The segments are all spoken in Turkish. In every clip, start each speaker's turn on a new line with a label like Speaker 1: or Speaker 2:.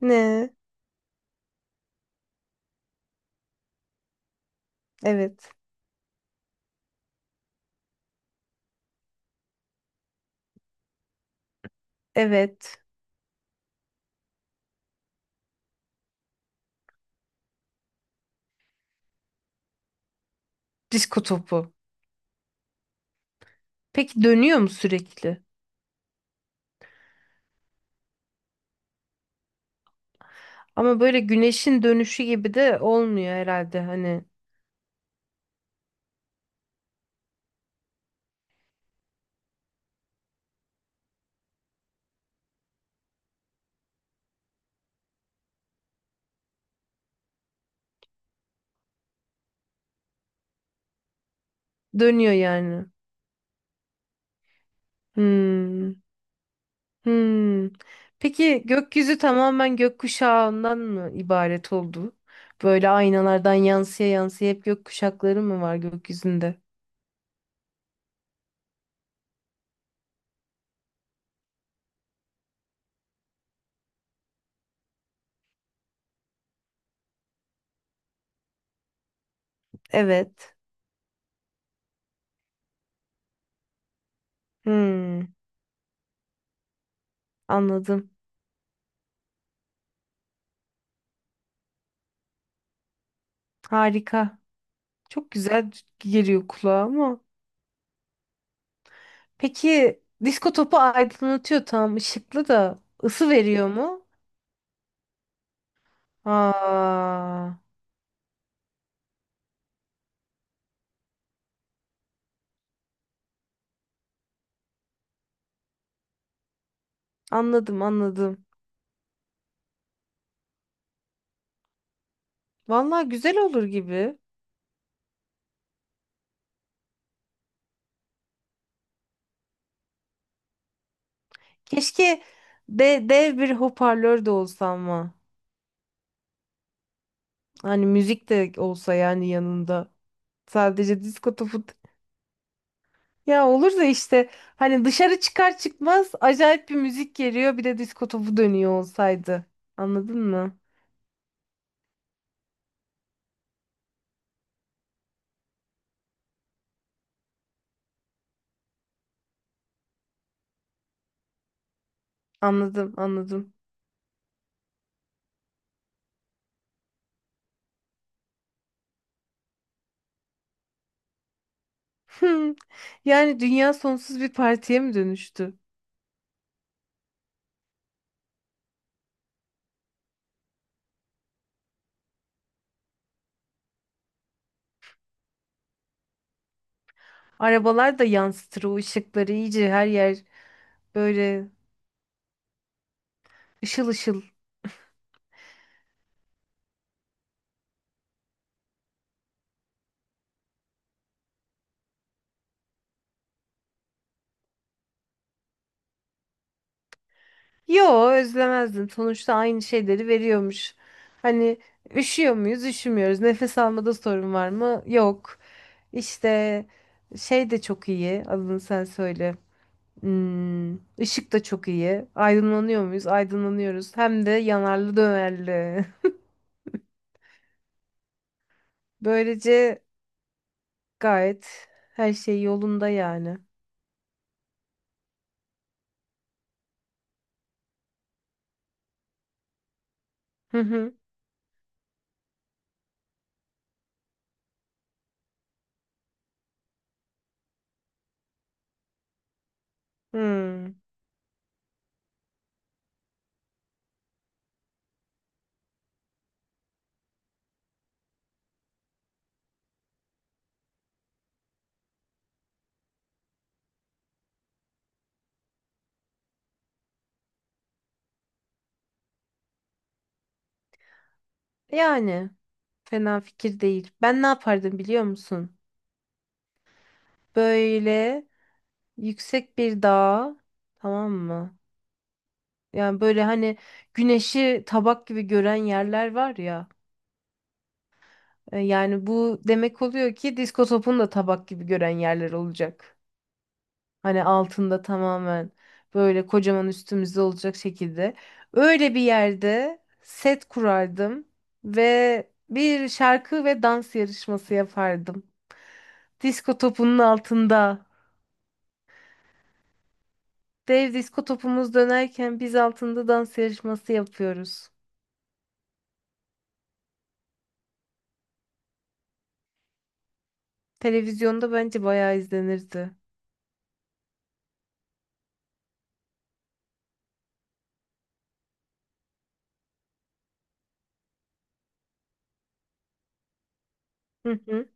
Speaker 1: Ne? Evet. Evet. Disko topu. Peki dönüyor mu sürekli? Ama böyle güneşin dönüşü gibi de olmuyor herhalde hani. Dönüyor yani. Hmm. Hmm. Peki gökyüzü tamamen gökkuşağından mı ibaret oldu? Böyle aynalardan yansıya yansıya hep gökkuşakları mı var gökyüzünde? Evet. Hmm. Anladım. Harika. Çok güzel geliyor kulağa ama. Peki disko topu aydınlatıyor tam ışıklı da ısı veriyor mu? Aa, anladım anladım. Vallahi güzel olur gibi. Keşke dev bir hoparlör de olsa ama. Hani müzik de olsa yani yanında. Sadece disko topu. Ya olur da işte hani dışarı çıkar çıkmaz acayip bir müzik geliyor bir de disko topu dönüyor olsaydı. Anladın mı? Anladım anladım. Yani dünya sonsuz bir partiye mi dönüştü? Arabalar da yansıtır o ışıkları iyice, her yer böyle ışıl ışıl. Yo, özlemezdim. Sonuçta aynı şeyleri veriyormuş. Hani üşüyor muyuz? Üşümüyoruz. Nefes almada sorun var mı? Yok. İşte şey de çok iyi. Adını sen söyle. Hmm, ışık da çok iyi. Aydınlanıyor muyuz? Aydınlanıyoruz. Hem de yanarlı dönerli. Böylece gayet her şey yolunda yani. Hı hı. Hmm. Yani. Fena fikir değil. Ben ne yapardım biliyor musun? Böyle yüksek bir dağa, tamam mı? Yani böyle hani güneşi tabak gibi gören yerler var ya. Yani bu demek oluyor ki disko topunu da tabak gibi gören yerler olacak. Hani altında tamamen böyle kocaman üstümüzde olacak şekilde. Öyle bir yerde set kurardım ve bir şarkı ve dans yarışması yapardım. Disko topunun altında. Dev disko topumuz dönerken biz altında dans yarışması yapıyoruz. Televizyonda bence bayağı izlenirdi. Hı hı.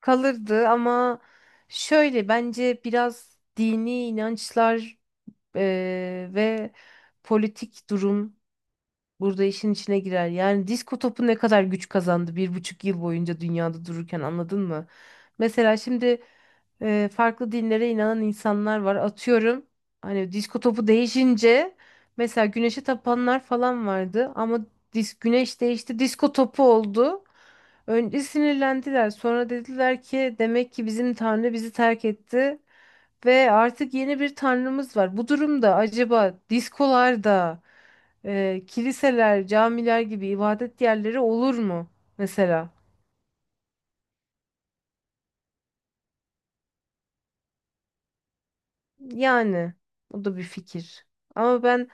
Speaker 1: Kalırdı ama şöyle bence biraz dini inançlar, ve politik durum burada işin içine girer. Yani disko topu ne kadar güç kazandı 1,5 yıl boyunca dünyada dururken, anladın mı? Mesela şimdi farklı dinlere inanan insanlar var. Atıyorum, hani disko topu değişince mesela güneşe tapanlar falan vardı ama güneş değişti, disko topu oldu. Önce sinirlendiler, sonra dediler ki demek ki bizim tanrı bizi terk etti ve artık yeni bir tanrımız var. Bu durumda acaba diskolarda kiliseler, camiler gibi ibadet yerleri olur mu mesela? Yani o da bir fikir. Ama ben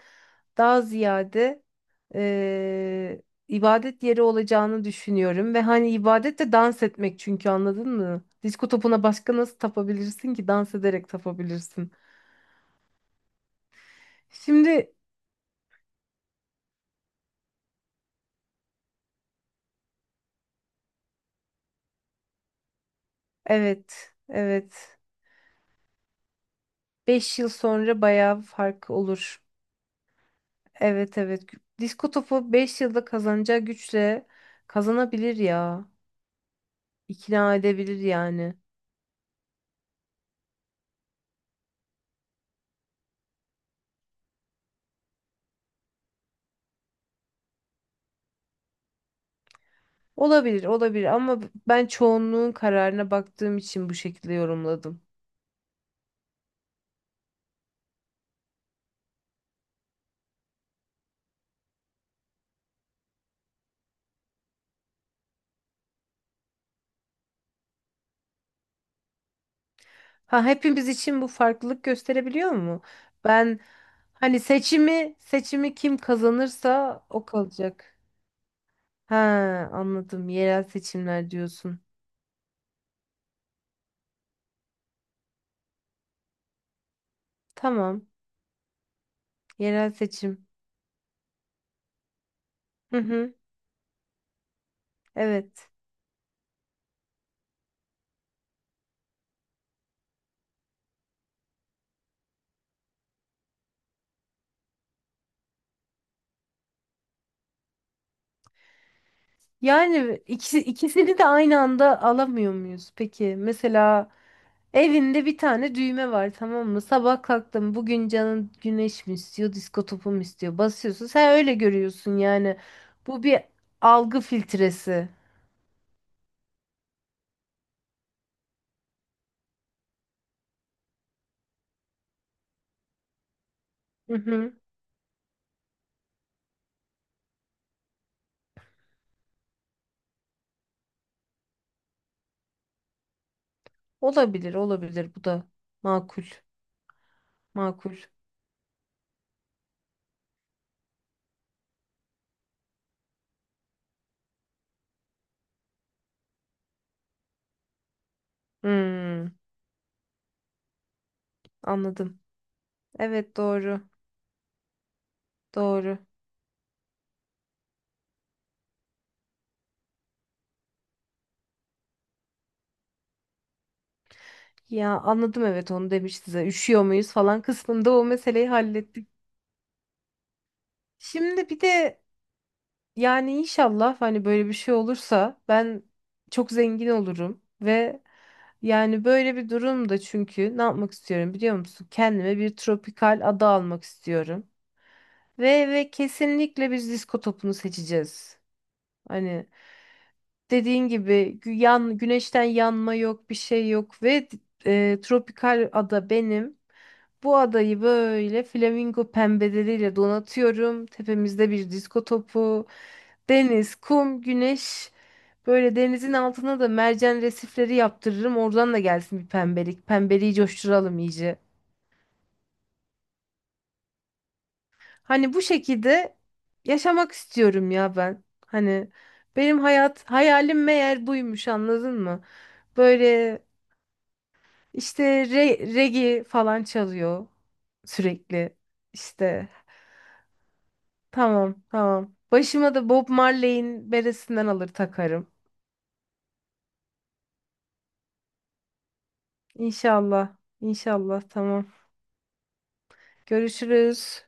Speaker 1: daha ziyade eee, ibadet yeri olacağını düşünüyorum ve hani ibadet de dans etmek çünkü, anladın mı? Disko topuna başka nasıl tapabilirsin ki, dans ederek tapabilirsin. Şimdi. Evet, evet. 5 yıl sonra bayağı fark olur. Evet, evet, disko topu 5 yılda kazanacağı güçle kazanabilir ya. İkna edebilir yani. Olabilir, olabilir, ama ben çoğunluğun kararına baktığım için bu şekilde yorumladım. Ha, hepimiz için bu farklılık gösterebiliyor mu? Ben, hani seçimi kim kazanırsa o kalacak. Ha, anladım. Yerel seçimler diyorsun. Tamam. Yerel seçim. Hı hı. Evet. Yani ikisini de aynı anda alamıyor muyuz? Peki mesela evinde bir tane düğme var, tamam mı? Sabah kalktım, bugün canın güneş mi istiyor, disko topu mu istiyor? Basıyorsun. Sen öyle görüyorsun yani. Bu bir algı filtresi. Hı hı. Olabilir, olabilir. Bu da makul, makul. Hmm, anladım. Evet, doğru, doğru. Ya anladım, evet, onu demişti zaten. Üşüyor muyuz falan kısmında o meseleyi hallettik. Şimdi bir de yani inşallah hani böyle bir şey olursa ben çok zengin olurum ve yani böyle bir durumda, çünkü ne yapmak istiyorum biliyor musun? Kendime bir tropikal ada almak istiyorum. Ve kesinlikle biz disko topunu seçeceğiz. Hani dediğin gibi güneşten yanma yok, bir şey yok ve tropikal ada benim. Bu adayı böyle flamingo pembeleriyle donatıyorum. Tepemizde bir disko topu, deniz, kum, güneş. Böyle denizin altına da mercan resifleri yaptırırım. Oradan da gelsin bir pembelik. Pembeliği coşturalım iyice. Hani bu şekilde yaşamak istiyorum ya ben. Hani benim hayat hayalim meğer buymuş, anladın mı? Böyle İşte regi falan çalıyor sürekli. İşte tamam, tamam. Başıma da Bob Marley'in beresinden alır takarım. İnşallah. İnşallah tamam. Görüşürüz.